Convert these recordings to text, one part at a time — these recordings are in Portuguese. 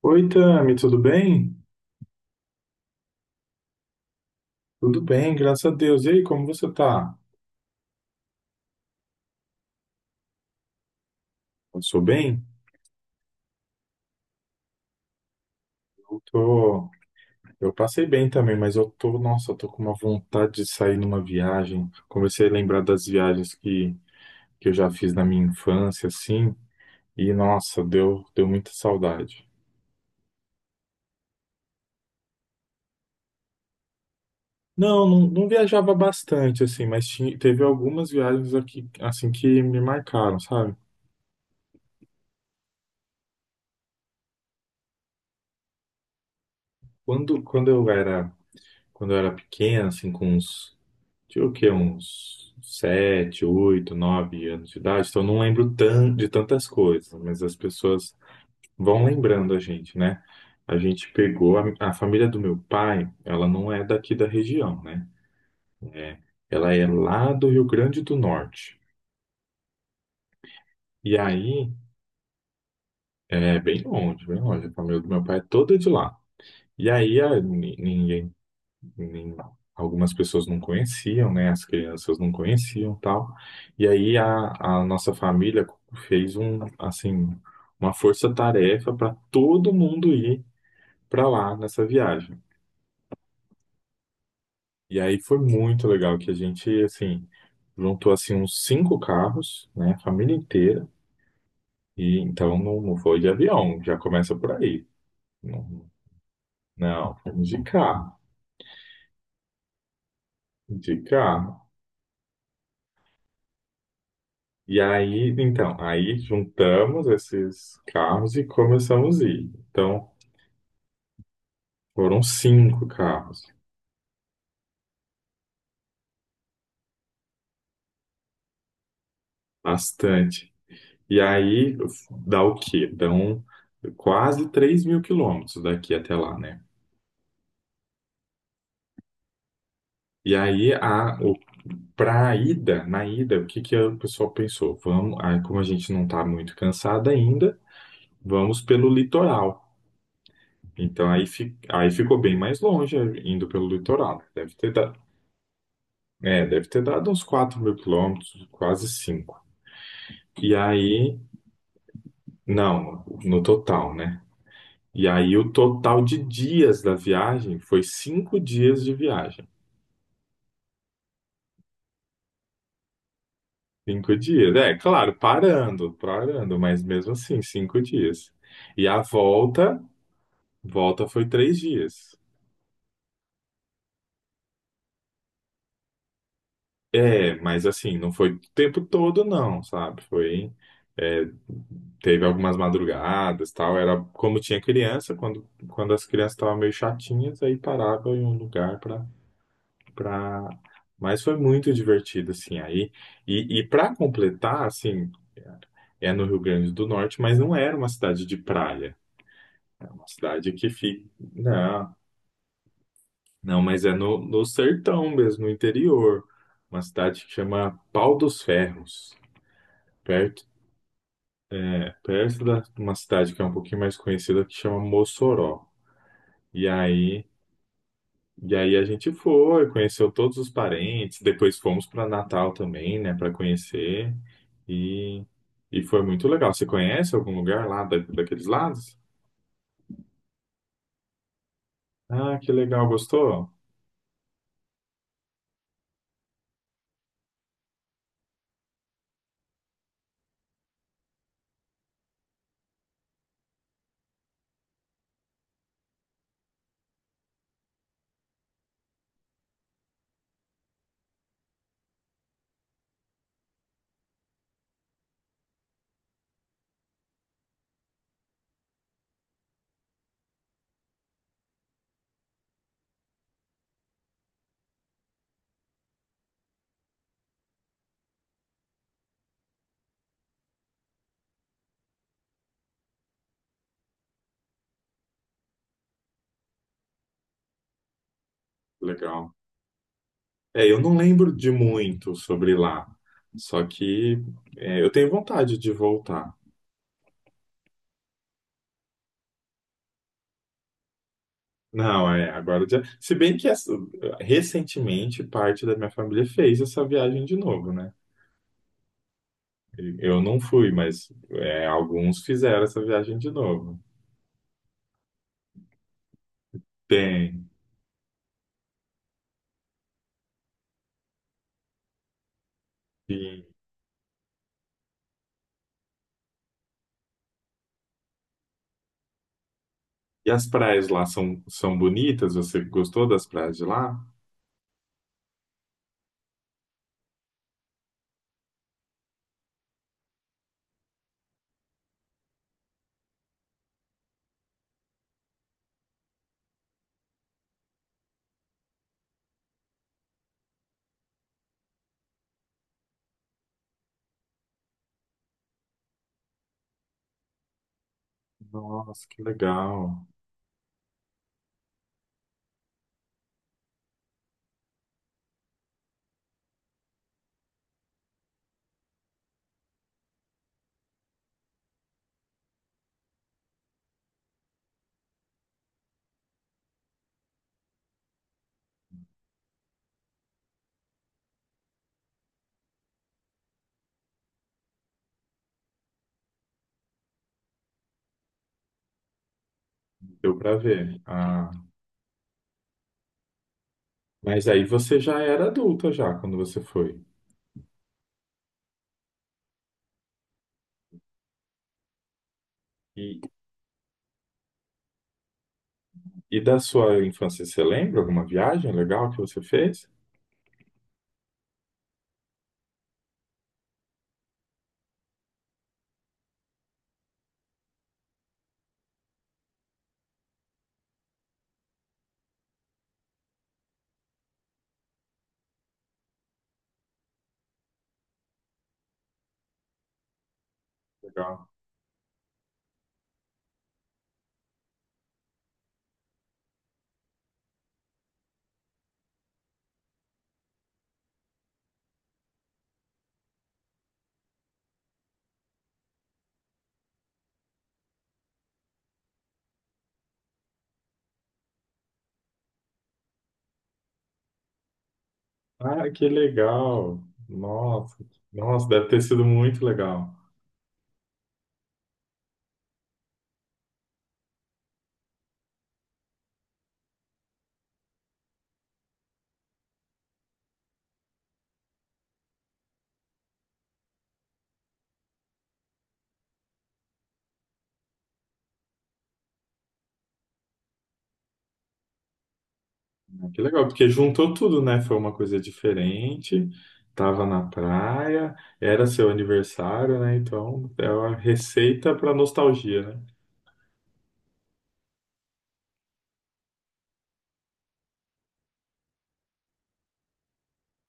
Oi, Tami, tudo bem? Tudo bem, graças a Deus. E aí, como você tá? Passou bem? Eu tô... Eu passei bem também, mas eu tô, nossa, eu tô com uma vontade de sair numa viagem. Comecei a lembrar das viagens que eu já fiz na minha infância, assim, e nossa, deu muita saudade. Não, não, não viajava bastante, assim, mas teve algumas viagens aqui, assim, que me marcaram, sabe? Quando, quando eu era, quando eu era pequeno, assim, com uns tinha o quê? Uns 7, 8, 9 anos de idade, então eu não lembro de tantas coisas, mas as pessoas vão lembrando a gente, né? A gente pegou a família do meu pai, ela não é daqui da região, né? É, ela é lá do Rio Grande do Norte. E aí, é bem longe, bem longe. A família do meu pai é toda de lá. E aí, a, ni- ninguém nem- algumas pessoas não conheciam, né? As crianças não conheciam, tal. E aí a nossa família fez assim, uma força-tarefa para todo mundo ir para lá nessa viagem. E aí foi muito legal que a gente, assim, juntou assim uns cinco carros, né? A família inteira. E então não, não foi de avião, já começa por aí. Não, não, fomos de carro, de carro. E aí, então, aí juntamos esses carros e começamos a ir. Então, foram cinco carros, bastante. E aí, dá o quê? Dão quase 3.000 quilômetros daqui até lá, né? E aí, a, o, pra ida, na ida, o que que o pessoal pensou? Vamos, aí, como a gente não tá muito cansado ainda, vamos pelo litoral. Então, aí ficou bem mais longe, indo pelo litoral. Deve ter dado uns 4.000 quilômetros, quase 5. E aí, não, no total, né? E aí o total de dias da viagem foi 5 dias de viagem. Cinco dias, é, claro, parando, parando, mas mesmo assim, 5 dias. E a volta foi 3 dias. É, mas assim, não foi o tempo todo, não, sabe? Foi é, teve algumas madrugadas, tal, era como tinha criança, quando as crianças estavam meio chatinhas, aí parava em um lugar para para mas foi muito divertido assim aí. E para completar, assim, é no Rio Grande do Norte, mas não era uma cidade de praia, é uma cidade que fica, não, não, mas é no sertão mesmo, no interior, uma cidade que chama Pau dos Ferros. Perto, é perto da uma cidade que é um pouquinho mais conhecida que chama Mossoró. E aí, E aí, a gente foi, conheceu todos os parentes, depois fomos para Natal também, né, para conhecer. E, e foi muito legal. Você conhece algum lugar lá da, daqueles lados? Ah, que legal, gostou? Legal. É, eu não lembro de muito sobre lá, só que eu tenho vontade de voltar. Não, é, agora já. Se bem que essa- recentemente parte da minha família fez essa viagem de novo, né? Eu não fui, mas é, alguns fizeram essa viagem de novo. Tem. E, e as praias lá são, são bonitas? Você gostou das praias de lá? Nossa, que legal. Deu pra ver. Ah, mas aí você já era adulta já quando você foi. E, e da sua infância, você lembra alguma viagem legal que você fez? Legal. Ah, que legal! Nossa, nossa, deve ter sido muito legal. Que legal, porque juntou tudo, né? Foi uma coisa diferente, tava na praia, era seu aniversário, né? Então, é uma receita para nostalgia, né?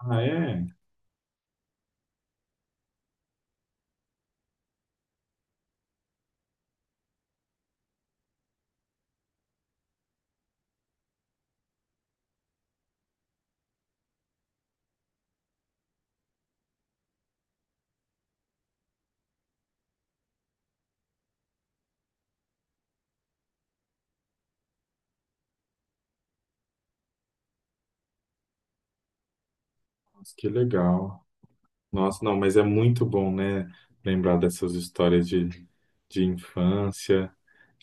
Ah, é? Nossa, que legal. Nossa, não, mas é muito bom, né? Lembrar dessas histórias de infância.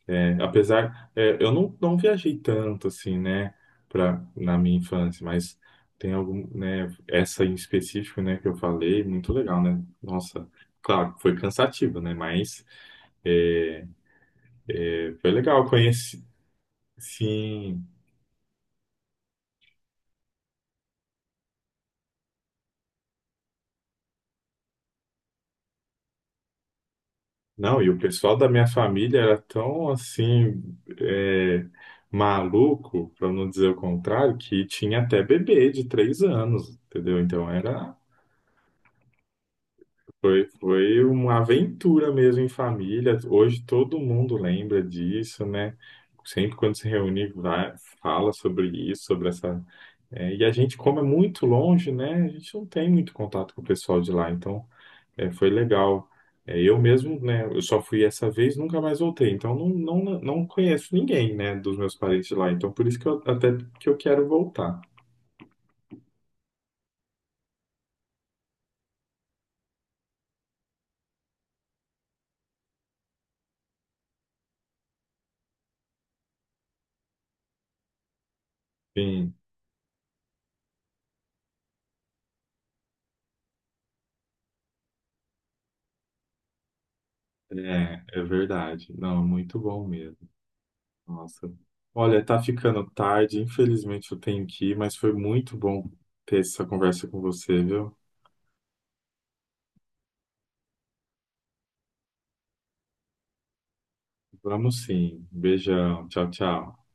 É, apesar, é, eu não viajei tanto assim, né, pra, na minha infância, mas tem algum, né, essa em específico, né, que eu falei, muito legal, né? Nossa, claro, foi cansativo, né, mas é, foi legal, eu conheci, sim. Não, e o pessoal da minha família era tão assim, é, maluco, para não dizer o contrário, que tinha até bebê de 3 anos, entendeu? Então era foi uma aventura mesmo em família. Hoje todo mundo lembra disso, né? Sempre quando se reúne, vai, fala sobre isso, sobre essa. É, e a gente, como é muito longe, né? A gente não tem muito contato com o pessoal de lá, então é, foi legal. É, eu mesmo, né? Eu só fui essa vez, nunca mais voltei. Então não, não, não conheço ninguém, né? Dos meus parentes de lá. Então por isso que eu até que eu quero voltar. Sim, é verdade. Não, muito bom mesmo. Nossa. Olha, tá ficando tarde, infelizmente eu tenho que ir, mas foi muito bom ter essa conversa com você, viu? Vamos sim. Beijão. Tchau, tchau.